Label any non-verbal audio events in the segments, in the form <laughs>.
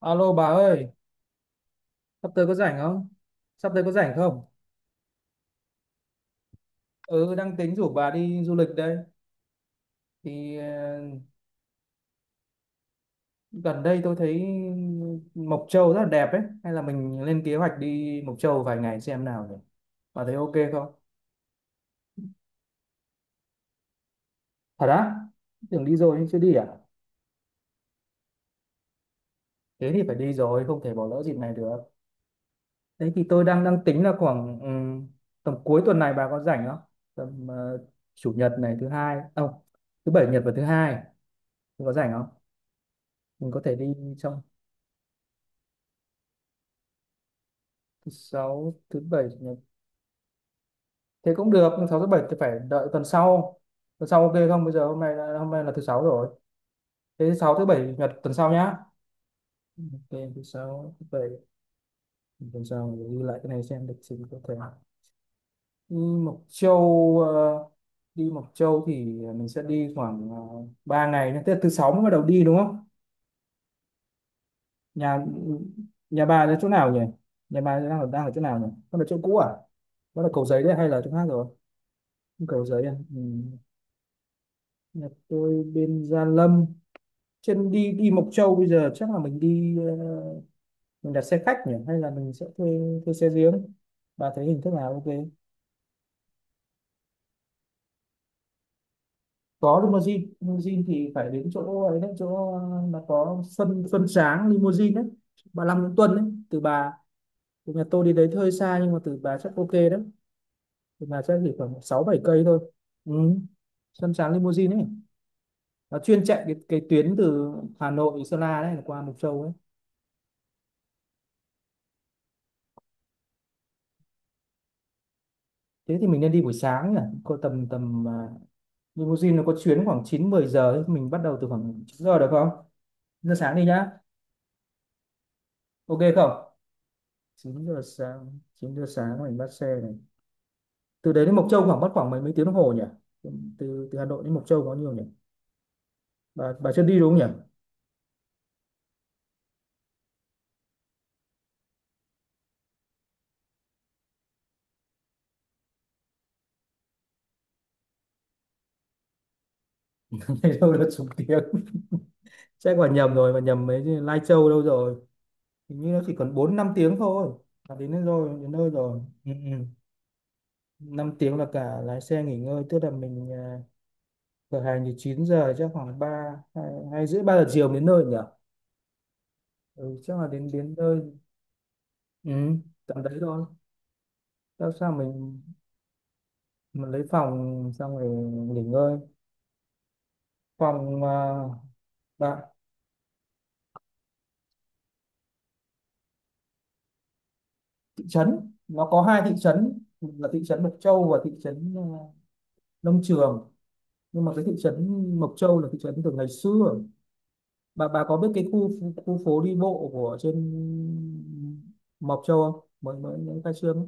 Alo bà ơi, sắp tới có rảnh không? Sắp tới có rảnh không? Ừ, đang tính rủ bà đi du lịch đây. Thì gần đây tôi thấy Mộc Châu rất là đẹp ấy. Hay là mình lên kế hoạch đi Mộc Châu vài ngày xem nào nhỉ? Bà thấy ok không? Thật á? Tưởng đi rồi nhưng chưa đi à? Thế thì phải đi rồi, không thể bỏ lỡ dịp này được. Thế thì tôi đang đang tính là khoảng tầm cuối tuần này bà có rảnh không? Tầm chủ nhật này thứ hai, không, thứ bảy nhật và thứ hai, bà có rảnh không? Mình có thể đi trong sáu thứ bảy chủ nhật. Thế cũng được nhưng sáu thứ bảy thì phải đợi tuần sau. Tuần sau ok không? Bây giờ hôm nay là thứ sáu rồi. Thế sáu thứ bảy chủ nhật tuần sau nhá. Ok, thứ sáu thứ bảy tuần sau. Mình ghi lại cái này xem lịch trình, có thể đi Mộc Châu, đi Mộc Châu thì mình sẽ đi khoảng 3 ngày nhé. Tức là thứ sáu mới bắt đầu đi đúng không? Nhà nhà bà ở chỗ nào nhỉ? Nhà bà đang ở chỗ nào nhỉ? Con ở chỗ cũ à? Đó là Cầu Giấy đấy hay là chỗ khác rồi? Cầu Giấy à? Ừ. Nhà tôi bên Gia Lâm. Trên đi đi Mộc Châu bây giờ chắc là mình đi, mình đặt xe khách nhỉ hay là mình sẽ thuê thuê xe riêng. Bà thấy hình thức nào ok? Có limousine, limousine thì phải đến chỗ ấy đấy, chỗ mà có Xuân Xuân Sáng limousine đấy. Bà Long Nguyễn Tuân đấy, từ nhà tôi đi đấy hơi xa nhưng mà từ bà chắc ok đấy. Từ bà chắc chỉ khoảng 6-7 cây thôi. Ừ. Xuân Sáng limousine ấy. Nó chuyên chạy cái tuyến từ Hà Nội Sơn La đấy qua Mộc Châu ấy. Thế thì mình nên đi buổi sáng nhỉ, có tầm tầm à, limousine nó có chuyến khoảng 9-10 giờ ấy. Mình bắt đầu từ khoảng 9 giờ được không? 9 giờ sáng đi nhá. Ok không? Chín giờ sáng mình bắt xe này. Từ đấy đến Mộc Châu khoảng mất khoảng mấy mấy tiếng đồng hồ nhỉ? Từ từ Hà Nội đến Mộc Châu có nhiều nhỉ? Bà chưa đi đúng không nhỉ? <laughs> Thấy đâu là chục tiếng. <laughs> Chắc bà nhầm rồi, bà nhầm mấy cái Lai Châu đâu rồi. Hình như nó chỉ còn 4-5 tiếng thôi là đến nơi rồi, đến nơi rồi. Ừ, ừ. 5 tiếng là cả lái xe nghỉ ngơi. Tức là mình, khởi hành thì 9 giờ, chắc khoảng ba hai hay rưỡi 3 giờ chiều đến nơi nhỉ? Ừ, chắc là đến đến nơi. Ừ, tầm đấy thôi. Sao sao mình lấy phòng xong rồi nghỉ ngơi. Phòng à, bạn. Thị trấn nó có hai thị trấn là thị trấn Mộc Châu và thị trấn, Nông Trường. Nhưng mà cái thị trấn Mộc Châu là thị trấn từ ngày xưa. Bà có biết cái khu khu phố đi bộ của trên Mộc Châu không? Mới mới những khai trương ấy.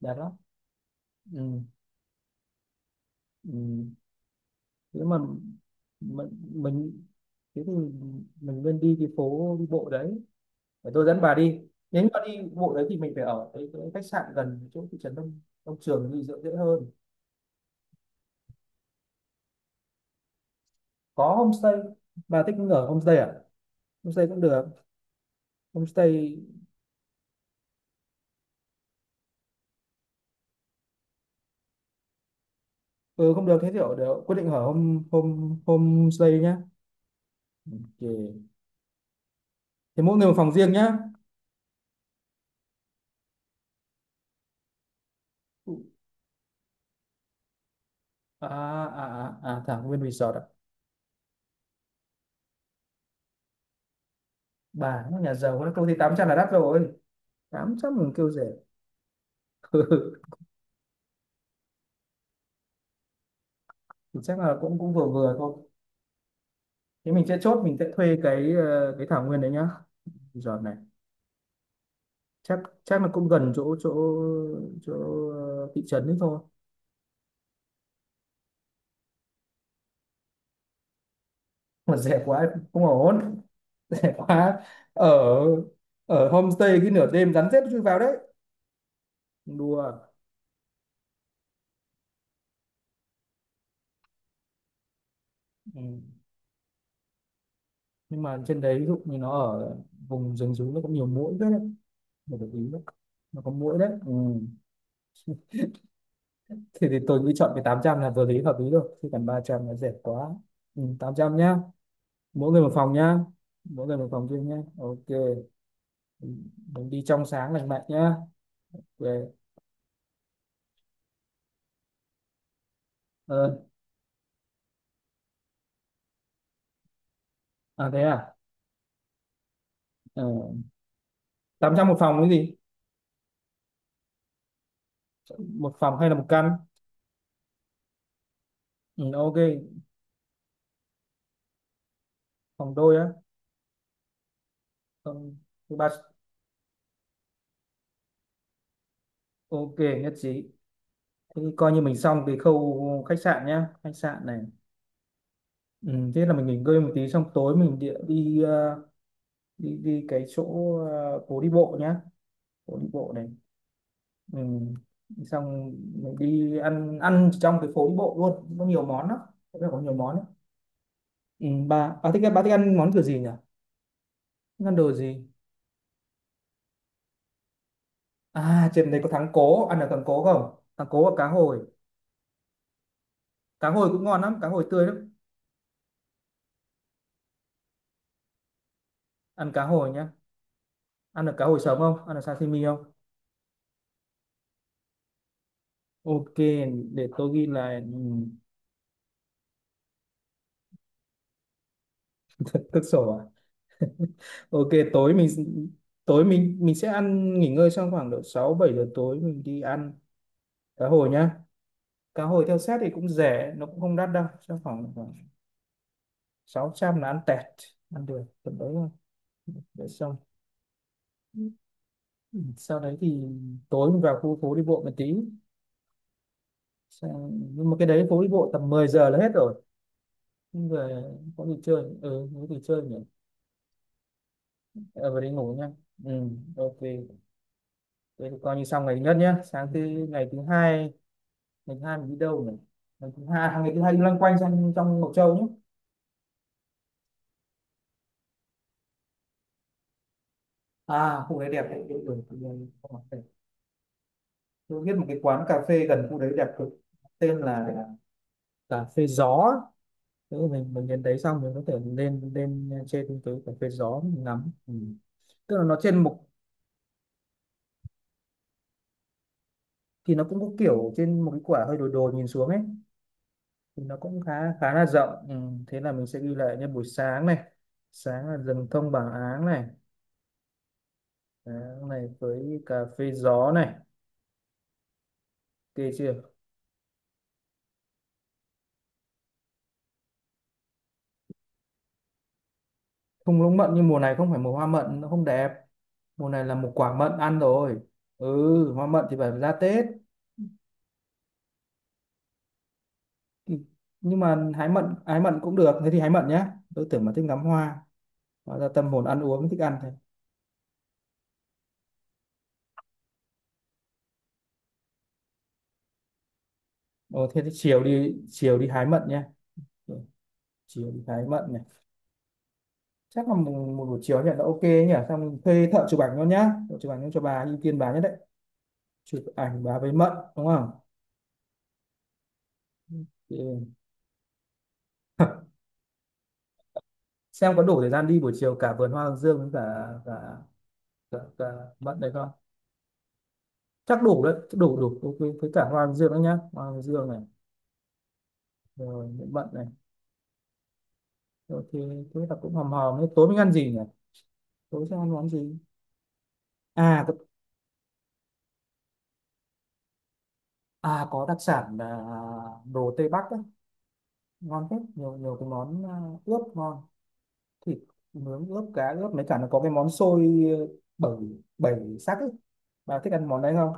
Đẹp lắm. Ừ. Ừ. Nếu mà mình, mình thế thì mình nên đi cái phố đi bộ đấy, để tôi dẫn bà đi. Nếu mà đi bộ đấy thì mình phải ở cái khách sạn gần chỗ thị trấn Đông Đông Trường thì dễ dễ hơn. Có homestay. Bà thích ở homestay à? Homestay cũng được. Homestay. Ừ, không được, thế thì ở, để quyết định ở home home homestay nhá. Ok. Thế mỗi người một phòng riêng nhá. À à à, à thảo nguyên resort à? Bà nó nhà giàu nó công ty 800 là đắt rồi, 800 mình kêu rẻ. <laughs> Thì chắc là cũng cũng vừa vừa thôi. Thế mình sẽ chốt, mình sẽ thuê cái thảo nguyên đấy nhá. Giờ này chắc chắc là cũng gần chỗ chỗ chỗ ờ, thị trấn đấy thôi. Mà rẻ quá cũng không ổn. <laughs> Rẻ quá. Ở ở homestay cái nửa đêm rắn rết nó chui vào đấy. Đùa. Ừ. Nhưng mà trên đấy ví dụ như nó ở vùng rừng rú nó cũng nhiều muỗi đấy. Phải để ý đấy. Nó có muỗi đấy. Ừ. thì tôi nghĩ chọn cái 800 là vừa lý hợp lý rồi, chứ còn 300 nó rẻ quá. Ừ, 800 nhá. Mỗi người một phòng nhá. Mỗi người một phòng riêng nhá. Ok. Mình đi trong sáng lành mạnh nhá. Về. ờ, À thế à? ờ, 800 một phòng cái gì? Một phòng hay là một căn? Ừ, ok. Phòng đôi á? Phòng thứ ba. Ok, nhất trí. Thế thì coi như mình xong cái khâu khách sạn nhá, khách sạn này. Ừ, thế là mình nghỉ ngơi một tí xong tối mình địa đi, đi cái chỗ, phố đi bộ nhá. Phố đi bộ này. Ừ. Xong mình đi ăn ăn trong cái phố đi bộ luôn, có nhiều món lắm. Chỗ này có nhiều món lắm. Ừ, bà thích ăn món kiểu gì nhỉ? Thích ăn đồ gì? À trên đấy có thắng cố, ăn được thắng cố không? Thắng cố và cá hồi. Cá hồi cũng ngon lắm, cá hồi tươi lắm. Ăn cá hồi nhá. Ăn được cá hồi sống không, ăn được sashimi không? Ok, để tôi ghi lại. Ừ. Thực sổ à? <laughs> Ok. Tối mình tối mình mình sẽ ăn nghỉ ngơi xong khoảng độ 6-7 giờ tối mình đi ăn cá hồi nhá. Cá hồi theo set thì cũng rẻ, nó cũng không đắt đâu, chắc khoảng khoảng 600 là ăn tẹt. Ăn được tầm đấy thôi. Để xong. Ừ, sau đấy thì tối mình vào khu phố đi bộ một tí. Nhưng mà cái đấy phố đi bộ tầm 10 giờ là hết rồi. Nhưng về có gì chơi, ừ, có gì chơi nhỉ? Ờ, Về đi ngủ nha. Ừ, ok. Thế thì coi như xong ngày thứ nhất nhá. Sáng thứ Ngày thứ hai. Ngày thứ hai mình đi đâu nhỉ? Ngày thứ hai đi loanh quanh trong trong Mộc Châu nhé. À khu đấy đẹp đấy. Ừ, ừ, ừ. Tôi biết một cái quán cà phê gần khu đấy đẹp cực, tên là cà phê gió. Nếu mình đến đấy xong mình có thể lên lên trên cái cà phê gió mình ngắm. Ừ. Tức là nó trên một, thì nó cũng có kiểu trên một cái quả hơi đồi, nhìn xuống ấy. Thì nó cũng khá, là rộng. Ừ. Thế là mình sẽ ghi lại như buổi sáng này. Sáng là rừng thông bảng áng này, Áng này với cà phê gió này. Kê chưa? Thung lũng mận nhưng mùa này không phải mùa hoa mận, nó không đẹp. Mùa này là một quả mận ăn rồi. Ừ, hoa mận thì phải ra Tết. Ừ, nhưng mà hái mận cũng được, thế thì hái mận nhá. Tôi tưởng mà thích ngắm hoa, hóa ra tâm hồn ăn uống thích ăn thôi. Ồ, thế thì chiều đi hái mận nhá. Ừ, chiều đi hái mận này. Chắc là một buổi chiều nhận là ok nhỉ? Xong mình thuê thợ chụp ảnh luôn nhá, thợ chụp ảnh cho bà ưu tiên bà nhất đấy. Chụp ảnh bà với mận đúng không? Ừ. Xem có đủ thời gian đi buổi chiều cả vườn hoa hướng dương với cả cả mận đấy không. Chắc đủ đấy, chắc đủ đủ ok với cả hoa hướng dương đấy nhá, hoa hướng dương này. Rồi mận này. Rồi thì thế là cũng hòm hòm. Thế tối mình ăn gì nhỉ? Tối sẽ ăn món gì? À có- à có đặc sản là đồ Tây Bắc á, ngon hết. Nhiều nhiều cái món, ướp ngon. Thịt nướng ướp cá ướp mấy cả nó có cái món xôi, bảy bảy sắc ấy. Bà thích ăn món đấy không?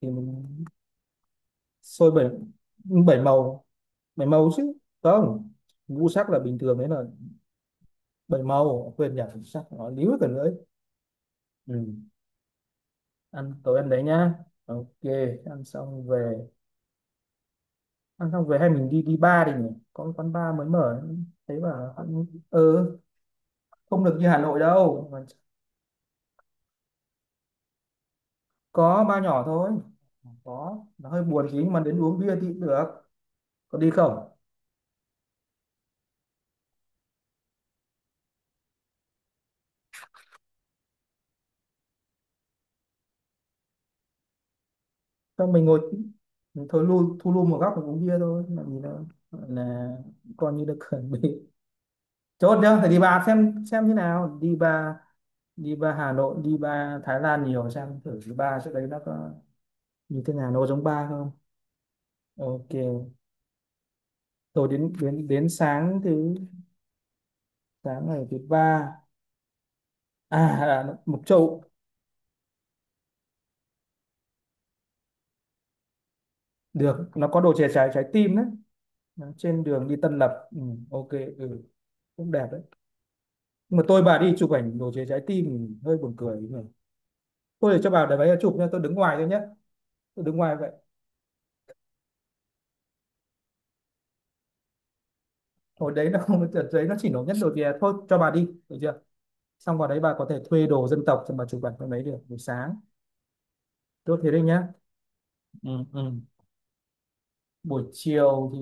Thì mình. Xôi bảy bảy màu. Bảy màu chứ không, ngũ sắc là bình thường đấy là. Bảy màu quên nhỉ, ngũ sắc nó líu cả nữa ấy. Ừ. Ăn tối ăn đấy nhá. Ok. Ăn xong về. Ăn xong về hay mình đi đi bar đi nhỉ, có cái quán bar mới mở. Thấy bảo cũng ừ, không được như Hà Nội đâu. Mà có bar nhỏ thôi, có nó hơi buồn tí nhưng mà đến uống bia thì cũng được. Có đi không? Xong mình ngồi. Mình thôi lui, thu lui một góc mình uống bia thôi, làm gì đâu. Gọi là coi như được chuẩn bị, chốt nhá. Phải đi bar xem như nào. Đi bar, đi bar Hà Nội, đi bar Thái Lan nhiều, xem thử cái bar chỗ đấy nó có như thế nào, nó có giống bar không. Ok. Rồi đến đến đến sáng ngày thứ ba. À, Mộc Châu. Được, nó có đồ chè trái trái tim đấy, trên đường đi Tân Lập. Ừ, ok. Ừ, cũng đẹp đấy. Nhưng mà tôi bà đi chụp ảnh đồ chè trái tim thì hơi buồn cười nhỉ. Tôi để cho bà để đấy chụp nha, tôi đứng ngoài thôi nhé. Tôi đứng ngoài vậy. Hồi đấy nó không, đợt đấy nó chỉ nổi nhất đồ chè thôi, cho bà đi được chưa. Xong vào đấy bà có thể thuê đồ dân tộc cho bà chụp ảnh con đấy được, buổi sáng tốt thế đấy nhá. Ừ, ừ. Buổi chiều thì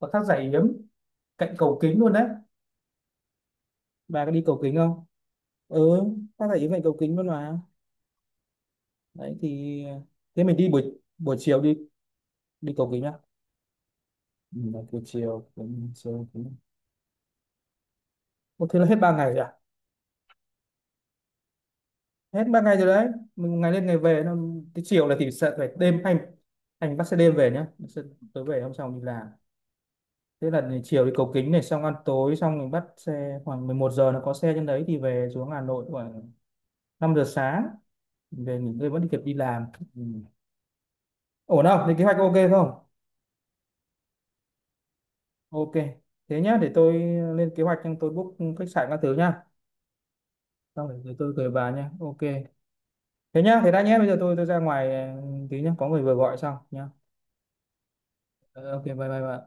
có thác Giải Yếm cạnh cầu kính luôn đấy. Bà có đi cầu kính không? Ừ, ta thấy vậy cầu kính luôn mà. Đấy thì thế mình đi buổi buổi chiều đi. Đi cầu kính à? Ừ, đấy, buổi chiều cũng chiều cũng-. Ủa, thế là hết 3 ngày rồi à? Hết ba ngày rồi đấy. Mình ngày lên ngày về nó cái chiều là thì sẽ phải đêm, anh bắt xe đêm về nhá. Bắt xe tối về hôm sau mình đi làm. Thế là ngày chiều đi cầu kính này xong ăn tối xong mình bắt xe khoảng 11 giờ, nó có xe trên đấy thì về xuống Hà Nội khoảng 5 giờ sáng, về nghỉ ngơi vẫn kịp đi làm. Ừ. Ổn không, thì kế hoạch ok không? Ok, thế nhá, để tôi lên kế hoạch, nhưng tôi book khách sạn các thứ nhá. Xong rồi rồi tôi gửi bà nhá. Ok. Thế nhá, thế đã nhé, bây giờ tôi ra ngoài ừ, tí nhá, có người vừa gọi xong nhá. Ờ, Ok, bye bye bà.